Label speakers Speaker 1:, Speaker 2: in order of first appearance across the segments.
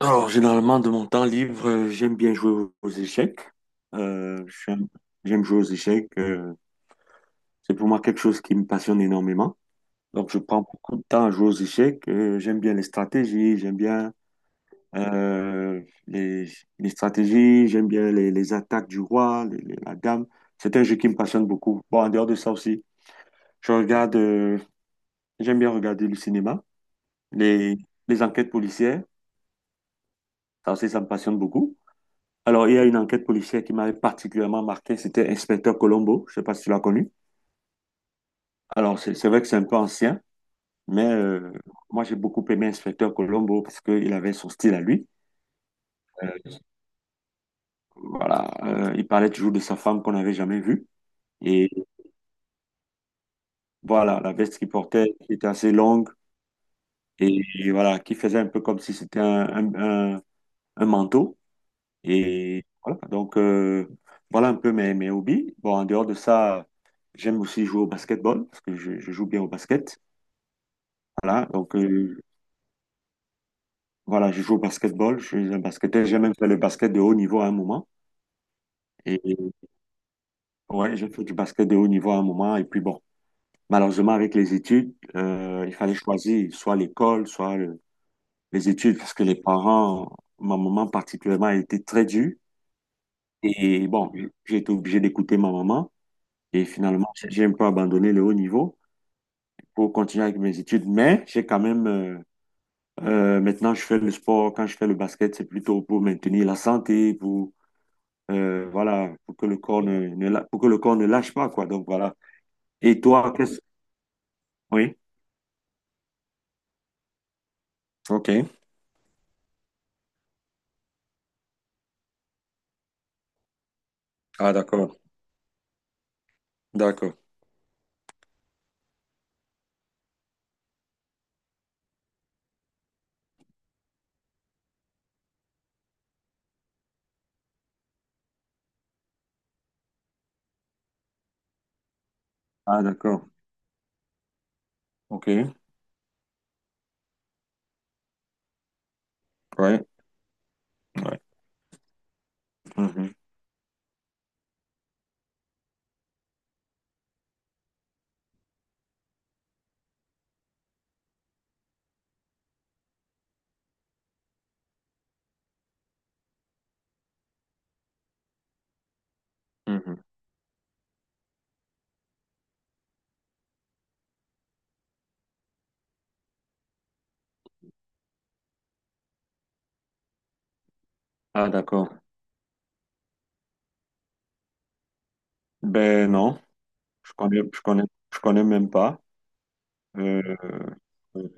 Speaker 1: Alors, généralement, de mon temps libre, j'aime bien jouer aux échecs. Euh, j'aime j'aime jouer aux échecs. C'est pour moi quelque chose qui me passionne énormément. Donc, je prends beaucoup de temps à jouer aux échecs. J'aime bien les stratégies, j'aime bien euh, les, les stratégies, j'aime bien les attaques du roi, la dame. C'est un jeu qui me passionne beaucoup. Bon, en dehors de ça aussi, je regarde, euh, j'aime bien regarder le cinéma, les, les enquêtes policières. Ça aussi, ça me passionne beaucoup. Alors, il y a une enquête policière qui m'avait particulièrement marqué, c'était Inspecteur Colombo, je ne sais pas si tu l'as connu. Alors, c'est vrai que c'est un peu ancien, mais moi j'ai beaucoup aimé Inspecteur Colombo parce qu'il avait son style à lui. Euh, voilà, il parlait toujours de sa femme qu'on n'avait jamais vue. Et voilà, la veste qu'il portait qui était assez longue et, voilà, qui faisait un peu comme si c'était un- un- un manteau. Et voilà, voilà un peu mes hobbies. Bon, en dehors de ça, j'aime aussi jouer au basketball parce que je joue bien au basket. Voilà, voilà, je joue au basketball, je suis un basketteur, j'ai même fait le basket de haut niveau à un moment. Et ouais, j'ai fait du basket de haut niveau à un moment. Et puis bon, malheureusement, avec les études, il fallait choisir soit l'école, soit les études, parce que les parents, ma maman particulièrement, a été très dure. Et bon, j'ai été obligé d'écouter ma maman. Et finalement, j'ai un peu abandonné le haut niveau pour continuer avec mes études. Mais j'ai quand même, maintenant, je fais le sport. Quand je fais le basket, c'est plutôt pour maintenir la santé, pour voilà, pour que le corps ne, ne la- pour que le corps ne lâche pas, quoi. Donc voilà. Et toi, qu'est-ce... Oui. OK. Ah, d'accord. D'accord. Ah, d'accord. OK. Ouais. Ouais. Mhm. Mhm. Ah, d'accord. Ben non, je connais, je connais, je connais même pas. Euh, euh,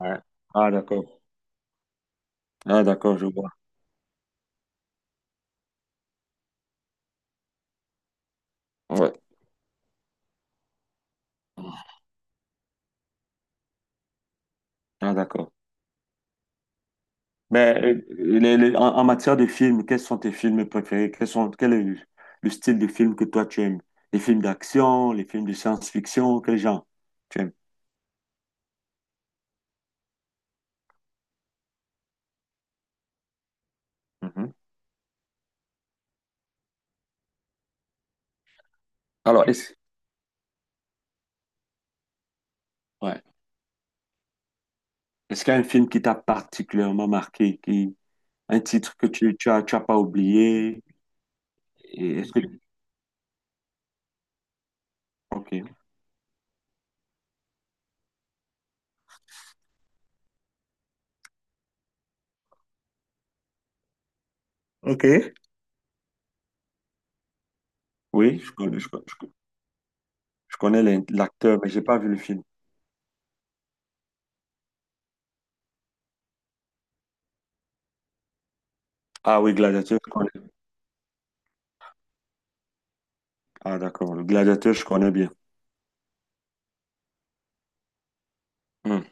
Speaker 1: ouais. Ah, d'accord. Ah, d'accord, je vois. Ouais. Ah, d'accord. Mais en, en matière de films, quels sont tes films préférés? Quel est le style de film que toi tu aimes? Les films d'action, les films de science-fiction, quel genre tu aimes? Mhm. Alors, est-ce ouais. Est-ce qu'il y a un film qui t'a particulièrement marqué, qui, un titre que tu, tu as pas oublié? Et est-ce que OK. OK. Oui, je connais l'acteur, mais j'ai pas vu le film. Ah oui, Gladiateur, je connais. Ah d'accord, le Gladiateur, je connais bien. Hmm.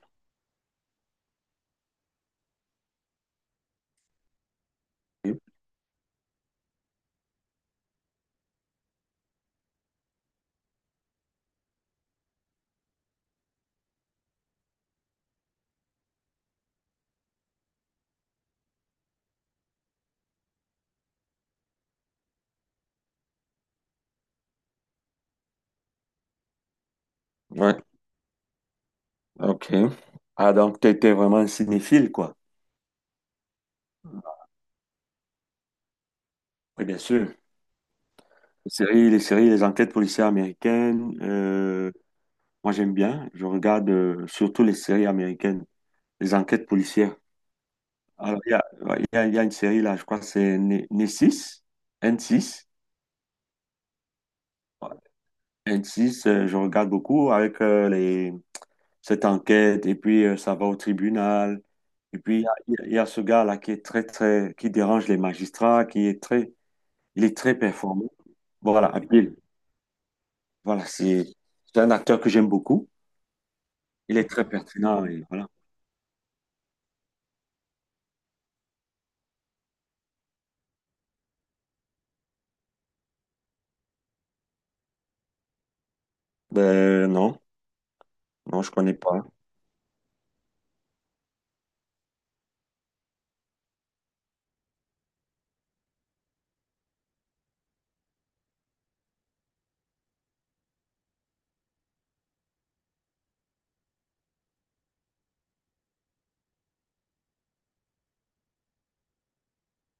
Speaker 1: Ouais. OK. Ah, donc, tu étais vraiment un cinéphile, quoi. Oui, bien sûr. Les séries, les enquêtes policières américaines, moi, j'aime bien. Je regarde surtout les séries américaines, les enquêtes policières. Alors, il y a, ouais, il y a une série, là, je crois que c'est N6, N6. Ouais. N6, je regarde beaucoup avec cette enquête, et puis ça va au tribunal. Et puis, il y a ce gars-là qui est qui dérange les magistrats, il est très performant. Voilà, Bill. Voilà, c'est un acteur que j'aime beaucoup. Il est très pertinent et voilà. Ben non, non, je connais pas.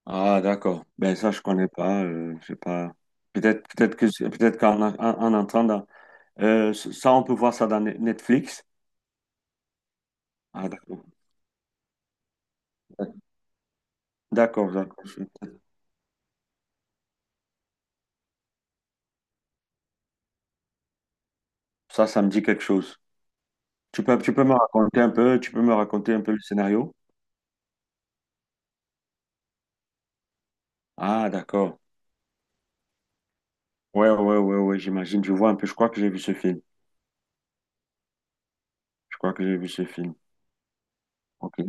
Speaker 1: Ah d'accord. Ben ça, je connais pas. Je sais pas. Peut-être en entendant, on peut voir ça dans Netflix. Ah d'accord, d'accord, d'accord. Ça me dit quelque chose. Tu peux me raconter un peu, tu peux me raconter un peu le scénario? Ah d'accord. Ouais, ouais, ouais, ouais. J'imagine. Je vois un peu. Je crois que j'ai vu ce film. Je crois que j'ai vu ce film. Ok.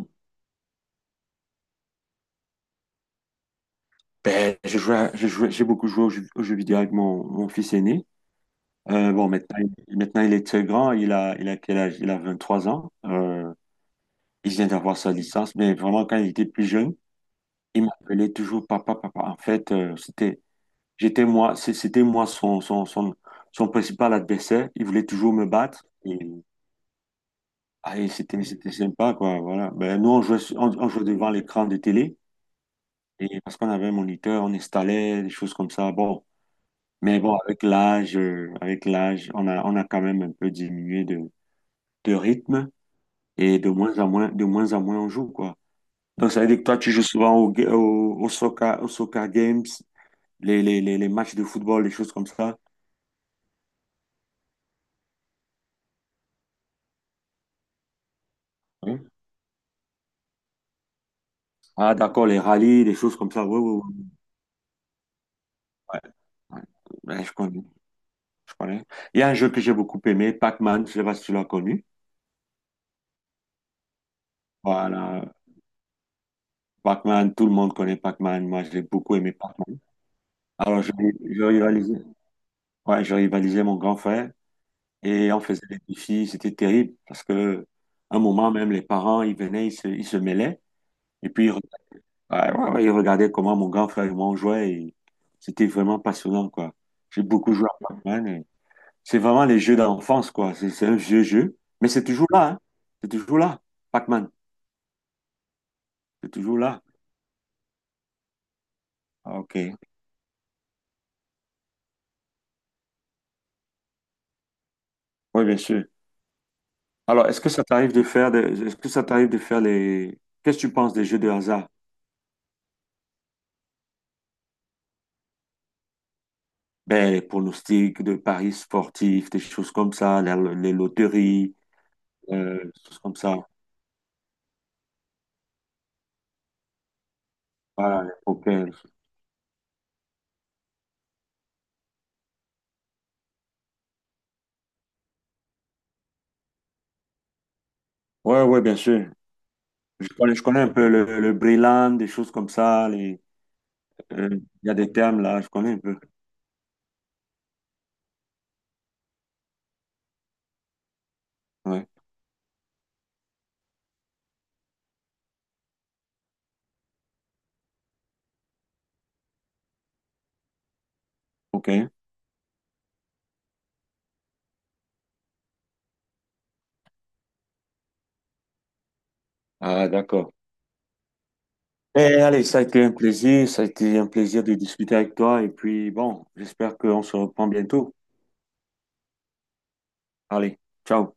Speaker 1: Ben, j'ai joué à- j'ai joué- j'ai beaucoup joué aux jeux vidéo avec mon fils aîné. Bon, maintenant, maintenant, il est très grand. Il a quel âge? Il a 23 ans. Il vient d'avoir sa licence. Mais vraiment, quand il était plus jeune, il m'appelait toujours papa, papa. En fait, j'étais moi, c'était moi son principal adversaire. Il voulait toujours me battre. Et, ah, et c'était sympa, quoi. Voilà. Ben, nous, on jouait devant l'écran de télé. Et parce qu'on avait un moniteur, on installait des choses comme ça. Bon. Mais bon, avec l'âge, on a quand même un peu diminué de rythme et de moins en moins, de moins en moins on joue, quoi. Donc, ça veut dire que toi, tu joues souvent au soccer games, les matchs de football, les choses comme ça. Hein. Ah, d'accord, les rallyes, des choses comme ça. Oui, oui, oui. Ouais, ouais. Ouais, je connais. Il y a un jeu que j'ai beaucoup aimé, Pac-Man, je sais pas si tu l'as connu. Voilà. Pac-Man, tout le monde connaît Pac-Man. Moi, j'ai beaucoup aimé Pac-Man. Alors, je, je rivalisais, ouais, je rivalisais mon grand frère. Et on faisait des défis, c'était terrible parce que un moment même les parents ils venaient, ils se mêlaient et puis ouais, ouais, ouais, ils regardaient comment mon grand frère et moi on jouait et c'était vraiment passionnant quoi. J'ai beaucoup joué à Pac-Man et c'est vraiment les jeux d'enfance quoi. C'est un vieux jeu mais c'est toujours là hein. C'est toujours là. Pac-Man, c'est toujours là. Ah, OK. Oui, bien sûr. Alors, est-ce que ça t'arrive de faire les qu'est-ce que tu penses des jeux de hasard? Ben, les pronostics de paris sportifs, des choses comme ça, loteries, des choses comme ça. Voilà, les poker. Ouais, ouais, bien sûr. Je connais un peu le Breland, des choses comme ça. Euh, Il y a des termes là, je connais un peu. Ouais, ok. Ah, d'accord. Eh, allez, ça a été un plaisir. Ça a été un plaisir de discuter avec toi. Et puis, bon, j'espère qu'on se reprend bientôt. Allez, ciao.